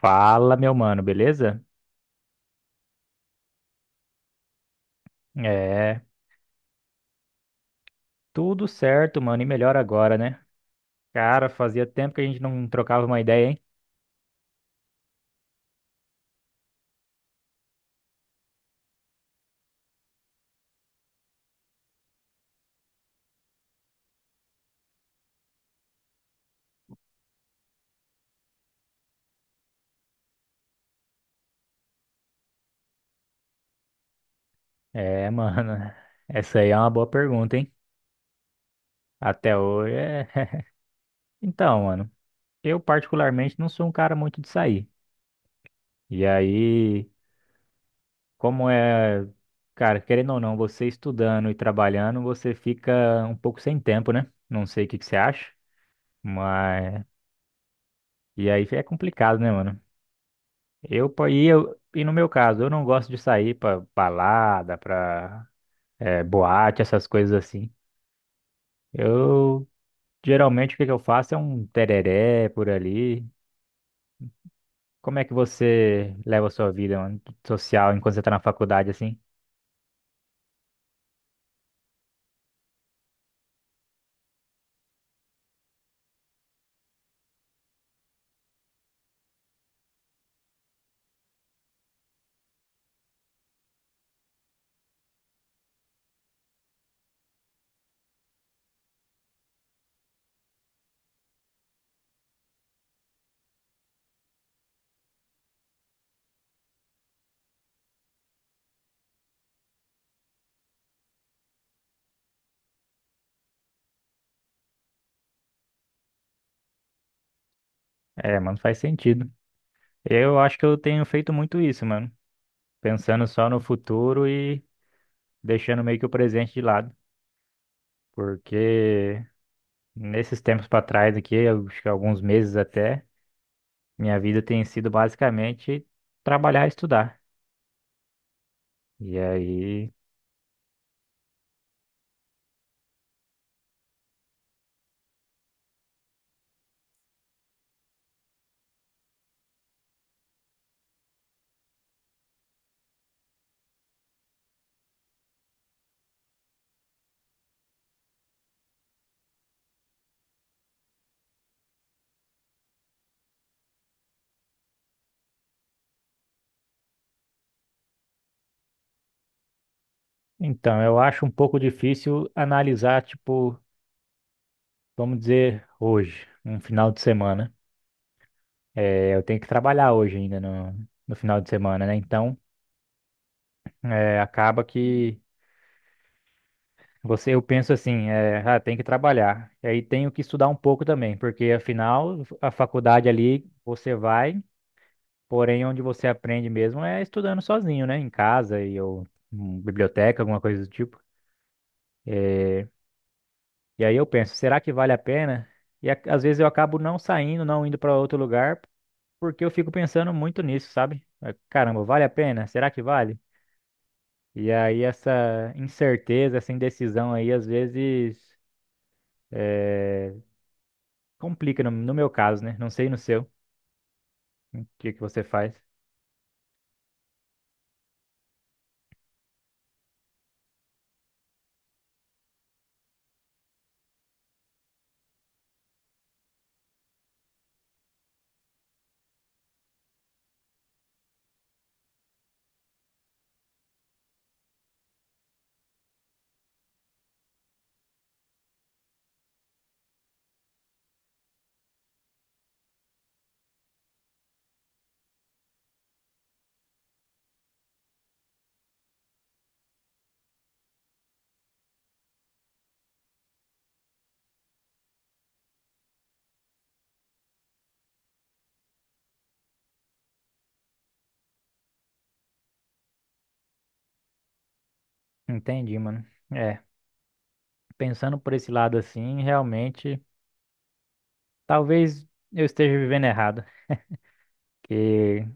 Fala, meu mano, beleza? É, tudo certo, mano, e melhor agora, né? Cara, fazia tempo que a gente não trocava uma ideia, hein? É, mano, essa aí é uma boa pergunta, hein? Até hoje é. Então, mano, eu particularmente não sou um cara muito de sair. E aí, como é. Cara, querendo ou não, você estudando e trabalhando, você fica um pouco sem tempo, né? Não sei o que que você acha, mas. E aí é complicado, né, mano? Eu, po- e, eu, e no meu caso, eu não gosto de sair pra balada, pra boate, essas coisas assim. Eu, Geralmente, o que que eu faço é um tereré por ali. Como é que você leva a sua vida, mano, social enquanto você tá na faculdade, assim? É, mano, faz sentido. Eu acho que eu tenho feito muito isso, mano. Pensando só no futuro e deixando meio que o presente de lado. Porque nesses tempos pra trás aqui, eu acho que alguns meses até. Minha vida tem sido basicamente trabalhar e estudar. E aí, então, eu acho um pouco difícil analisar, tipo, vamos dizer, hoje, um final de semana. É, eu tenho que trabalhar hoje ainda no, no final de semana, né? Então, acaba que eu penso assim, tem que trabalhar. E aí tenho que estudar um pouco também, porque afinal, a faculdade ali você vai, porém onde você aprende mesmo é estudando sozinho, né? Em casa ou em biblioteca, alguma coisa do tipo. É, e aí eu penso: será que vale a pena? E às vezes eu acabo não saindo, não indo para outro lugar, porque eu fico pensando muito nisso, sabe? Caramba, vale a pena? Será que vale? E aí essa incerteza, essa indecisão aí, às vezes eh, complica no meu caso, né? Não sei no seu, o que que você faz. Entendi, mano. É, pensando por esse lado assim, realmente, talvez eu esteja vivendo errado. Que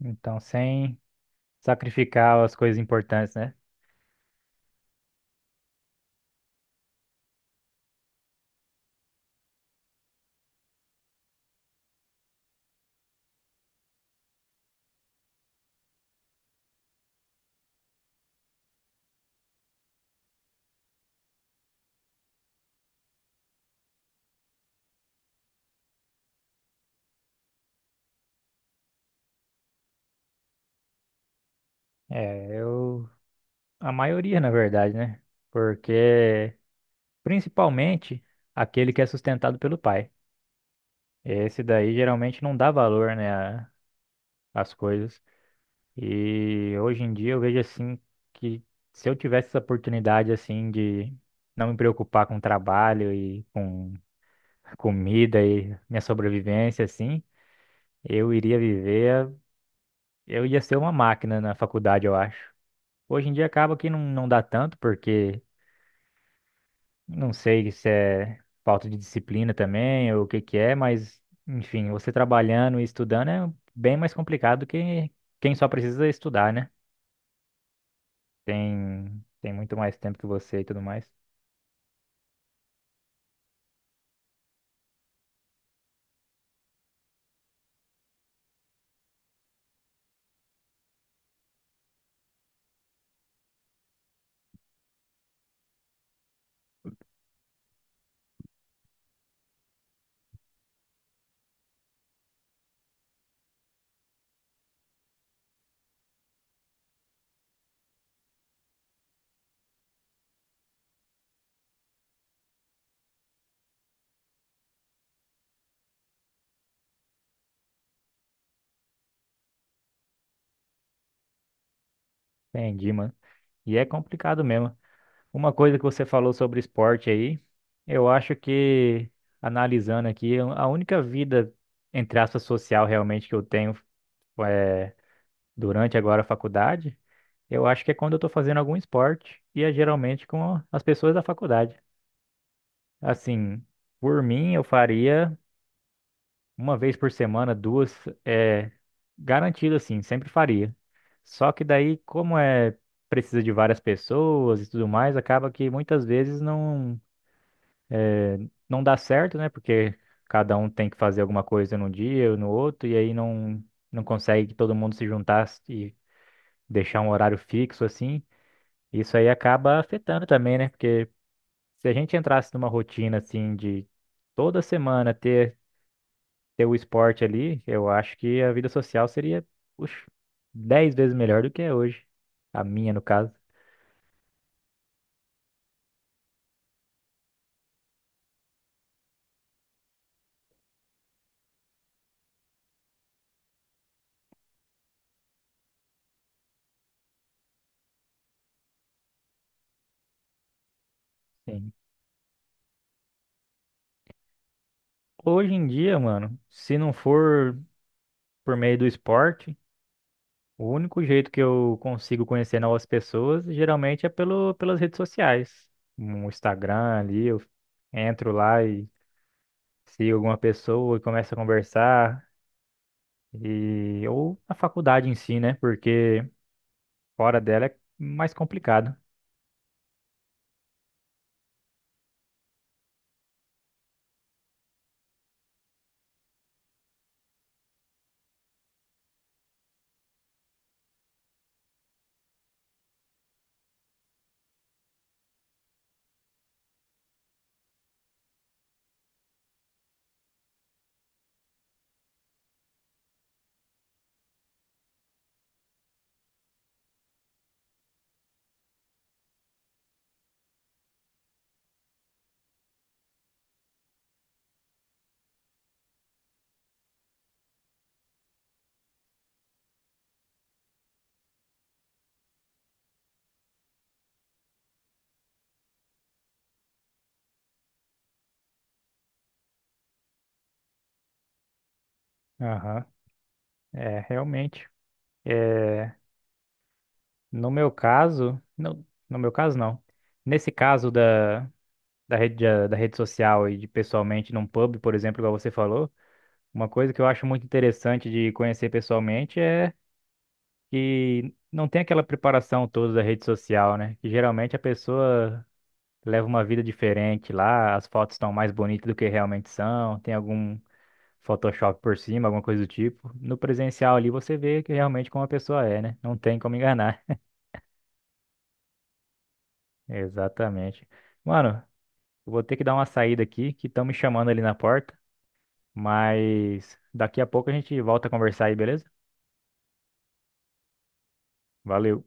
então, sem sacrificar as coisas importantes, né? É, eu. A maioria, na verdade, né? Porque, principalmente, aquele que é sustentado pelo pai. Esse daí geralmente não dá valor, né, às coisas. E hoje em dia eu vejo assim que se eu tivesse essa oportunidade assim de não me preocupar com trabalho e com comida e minha sobrevivência assim, eu iria viver, eu ia ser uma máquina na faculdade, eu acho. Hoje em dia acaba que não, não dá tanto, porque não sei se é falta de disciplina também ou o que que é, mas enfim, você trabalhando e estudando é bem mais complicado do que quem só precisa estudar, né? Tem muito mais tempo que você e tudo mais. Entendi, mano. E é complicado mesmo. Uma coisa que você falou sobre esporte aí, eu acho que analisando aqui, a única vida entre aspas social realmente que eu tenho é durante agora a faculdade. Eu acho que é quando eu tô fazendo algum esporte e é geralmente com as pessoas da faculdade. Assim, por mim, eu faria uma vez por semana, duas, é garantido assim, sempre faria. Só que daí, como é, precisa de várias pessoas e tudo mais, acaba que muitas vezes não é, não dá certo, né? Porque cada um tem que fazer alguma coisa num dia ou no outro e aí não, não consegue que todo mundo se juntasse e deixar um horário fixo assim. Isso aí acaba afetando também, né? Porque se a gente entrasse numa rotina assim de toda semana ter, o esporte ali, eu acho que a vida social seria, puxa, 10 vezes melhor do que é hoje. A minha, no caso. Sim. Hoje em dia, mano, se não for por meio do esporte, o único jeito que eu consigo conhecer novas pessoas geralmente é pelas redes sociais. No Instagram ali, eu entro lá e sigo alguma pessoa e começo a conversar. E, ou a faculdade em si, né? Porque fora dela é mais complicado. Aham. É, realmente. É, no meu caso, não, no meu caso não. Nesse caso da, da rede social e de pessoalmente num pub, por exemplo, igual você falou, uma coisa que eu acho muito interessante de conhecer pessoalmente é que não tem aquela preparação toda da rede social, né? Que geralmente a pessoa leva uma vida diferente lá, as fotos estão mais bonitas do que realmente são, tem algum Photoshop por cima, alguma coisa do tipo. No presencial ali você vê que realmente como a pessoa é, né? Não tem como enganar. Exatamente. Mano, eu vou ter que dar uma saída aqui, que estão me chamando ali na porta, mas daqui a pouco a gente volta a conversar aí, beleza? Valeu.